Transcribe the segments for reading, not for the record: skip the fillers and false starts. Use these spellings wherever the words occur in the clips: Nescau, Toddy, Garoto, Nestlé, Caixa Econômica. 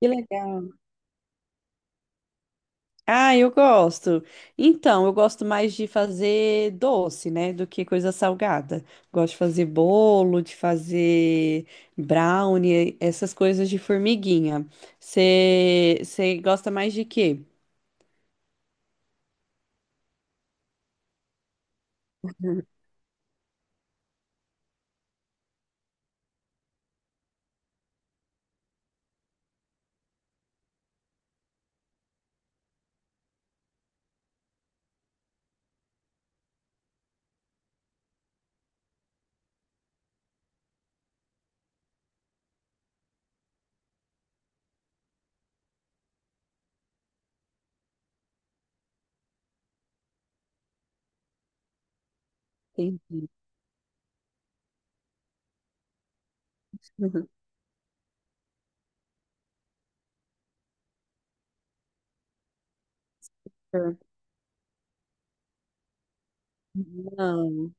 Que legal. Ah, eu gosto. Então, eu gosto mais de fazer doce, né, do que coisa salgada. Gosto de fazer bolo, de fazer brownie, essas coisas de formiguinha. Você gosta mais de quê? Uhum. Entendi. Não.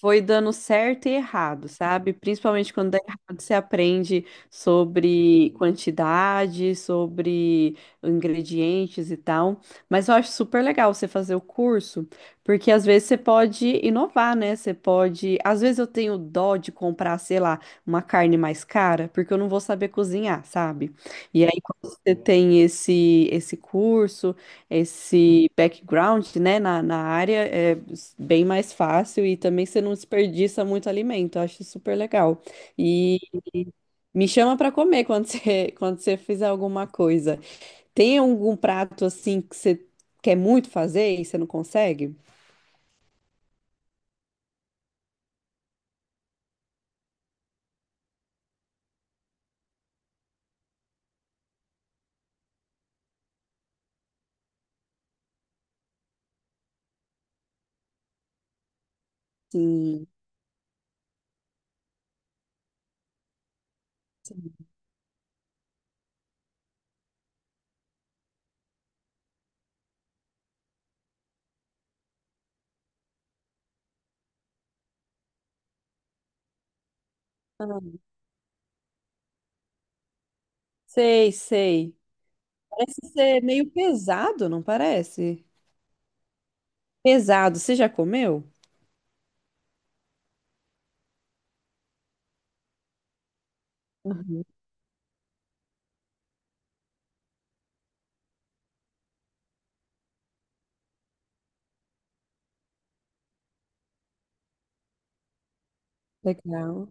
Foi dando certo e errado, sabe? Principalmente quando dá errado, você aprende sobre quantidade, sobre ingredientes e tal. Mas eu acho super legal você fazer o curso, porque às vezes você pode inovar, né? Você pode. Às vezes eu tenho dó de comprar, sei lá, uma carne mais cara, porque eu não vou saber cozinhar, sabe? E aí, quando você tem esse curso, esse background, né, na área, é bem mais fácil, e também você não desperdiça muito alimento. Eu acho super legal. E me chama para comer quando quando você fizer alguma coisa. Tem algum prato assim que você quer muito fazer e você não consegue? Sim. Ah, sei, sei. Parece ser meio pesado, não parece? Pesado. Você já comeu? Legal.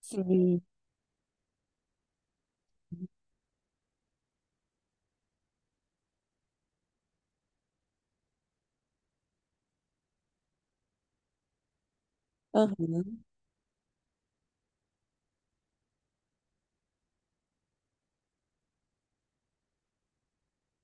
Sim. Aham.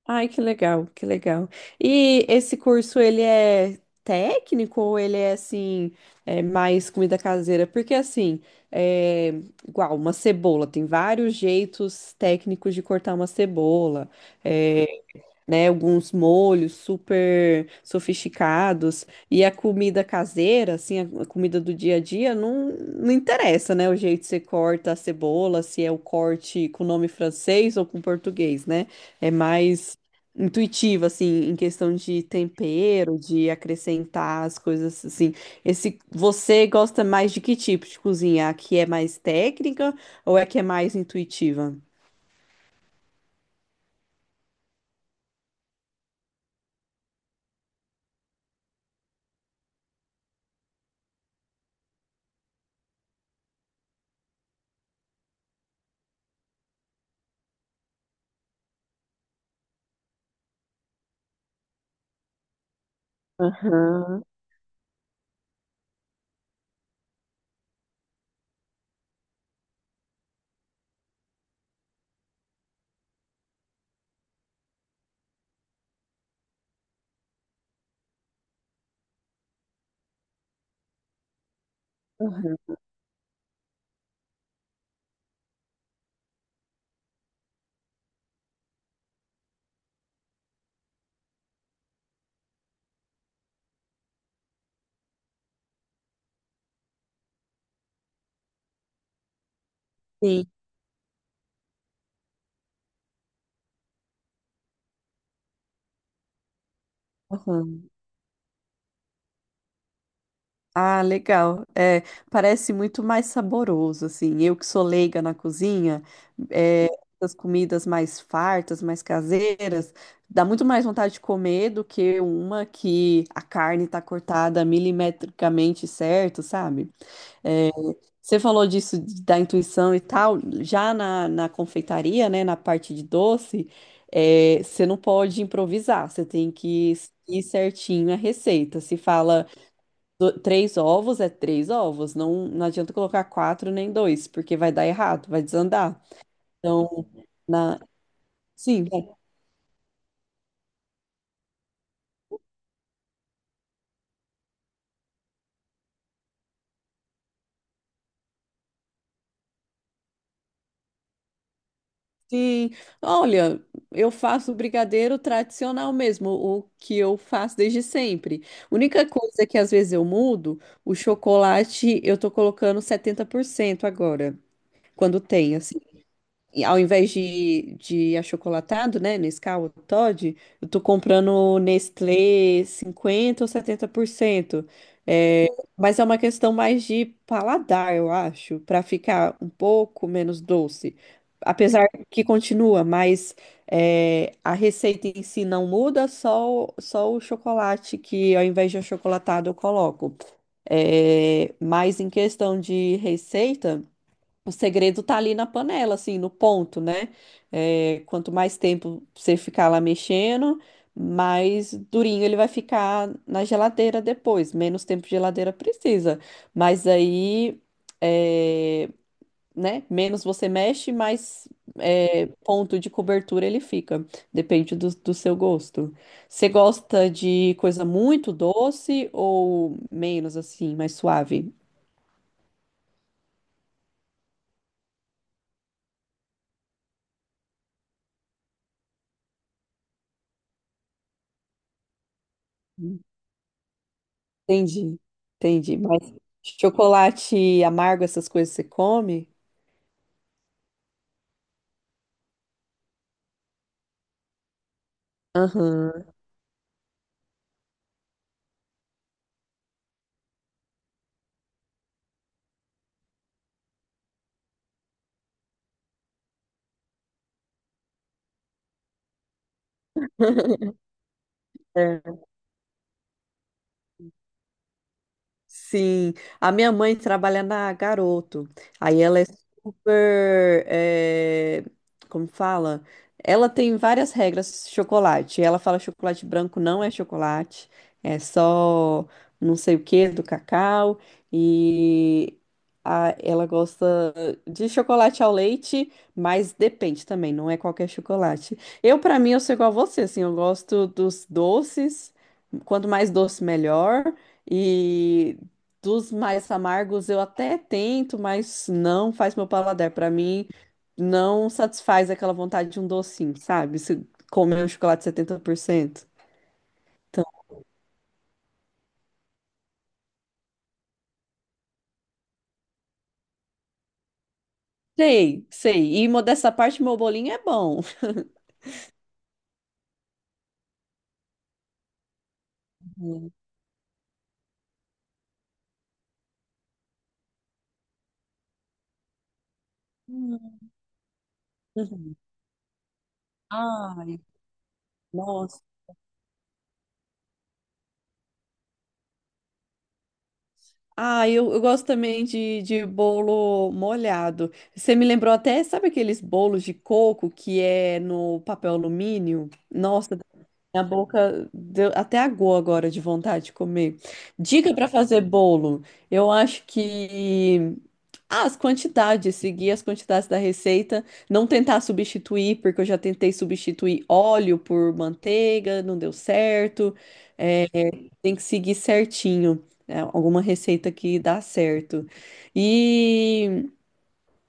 Ai, que legal, que legal. E esse curso, ele é técnico ou ele é, assim, mais comida caseira? Porque, assim, é, igual uma cebola, tem vários jeitos técnicos de cortar uma cebola. É, né? Alguns molhos super sofisticados. E a comida caseira, assim, a comida do dia a dia, não, não interessa, né? O jeito que você corta a cebola, se é o corte com nome francês ou com português, né? É mais intuitivo, assim, em questão de tempero, de acrescentar as coisas, assim. Você gosta mais de que tipo de cozinha? A que é mais técnica, ou é que é mais intuitiva? Aham. Sim. Aham. Ah, legal. É, parece muito mais saboroso, assim. Eu que sou leiga na cozinha, é, essas comidas mais fartas, mais caseiras, dá muito mais vontade de comer do que uma que a carne tá cortada milimetricamente certo, sabe? É, você falou disso da intuição e tal. Já na confeitaria, né, na parte de doce, você não pode improvisar, você tem que ir certinho a receita. Se fala três ovos é três ovos, não, não adianta colocar quatro nem dois, porque vai dar errado, vai desandar. Então, na... sim, sim. Olha, eu faço brigadeiro tradicional mesmo, o que eu faço desde sempre. Única coisa que às vezes eu mudo, o chocolate eu tô colocando 70% agora, quando tem, assim. E ao invés de achocolatado, né, Nescau ou Toddy, eu tô comprando Nestlé 50 ou 70%. É, mas é uma questão mais de paladar, eu acho, para ficar um pouco menos doce. Apesar que continua, mas a receita em si não muda, só, só o chocolate, que ao invés de achocolatado eu coloco. É, mas em questão de receita, o segredo tá ali na panela, assim, no ponto, né? É, quanto mais tempo você ficar lá mexendo, mais durinho ele vai ficar na geladeira depois. Menos tempo de geladeira precisa. Mas aí, é, né? Menos você mexe, mais ponto de cobertura ele fica. Depende do seu gosto. Você gosta de coisa muito doce, ou menos, assim, mais suave? Entendi, entendi. Mas chocolate amargo, essas coisas você come? Aham. É. Sim, a minha mãe trabalha na Garoto. Aí ela é super, como fala? Ela tem várias regras chocolate. Ela fala chocolate branco não é chocolate, é só não sei o que do cacau, e ela gosta de chocolate ao leite, mas depende também, não é qualquer chocolate. Eu, para mim, eu sou igual a você, assim, eu gosto dos doces, quanto mais doce melhor. E dos mais amargos eu até tento, mas não faz meu paladar. Pra mim, não satisfaz aquela vontade de um docinho, sabe? Se comer um chocolate 70%. Então, sei, sei. E mo dessa parte, meu bolinho é bom. Uhum. Uhum. Ai, nossa. Ah, eu gosto também de bolo molhado. Você me lembrou até, sabe aqueles bolos de coco que é no papel alumínio? Nossa, minha boca deu até aguou agora de vontade de comer. Dica para fazer bolo. Eu acho que as quantidades, seguir as quantidades da receita, não tentar substituir, porque eu já tentei substituir óleo por manteiga, não deu certo. É, tem que seguir certinho, alguma receita que dá certo. E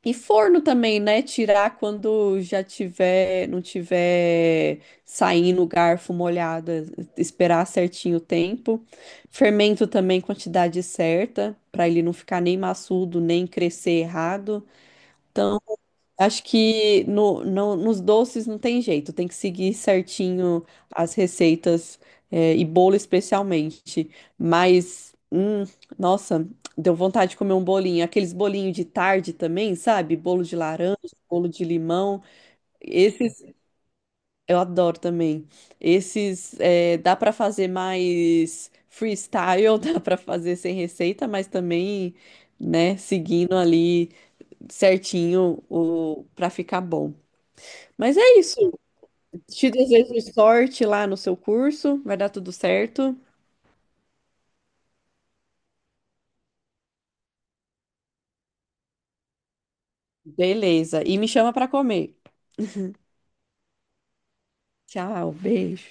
e forno também, né? Tirar quando já tiver, não tiver saindo o garfo molhado, esperar certinho o tempo. Fermento também, quantidade certa, para ele não ficar nem maçudo, nem crescer errado. Acho que nos doces não tem jeito, tem que seguir certinho as receitas, e bolo especialmente. Mas, nossa, deu vontade de comer um bolinho. Aqueles bolinhos de tarde também, sabe? Bolo de laranja, bolo de limão. Esses eu adoro também. Esses, dá para fazer mais freestyle, dá para fazer sem receita, mas também, né, seguindo ali certinho para ficar bom. Mas é isso. Te desejo sorte lá no seu curso. Vai dar tudo certo. Beleza. E me chama para comer. Tchau, beijo.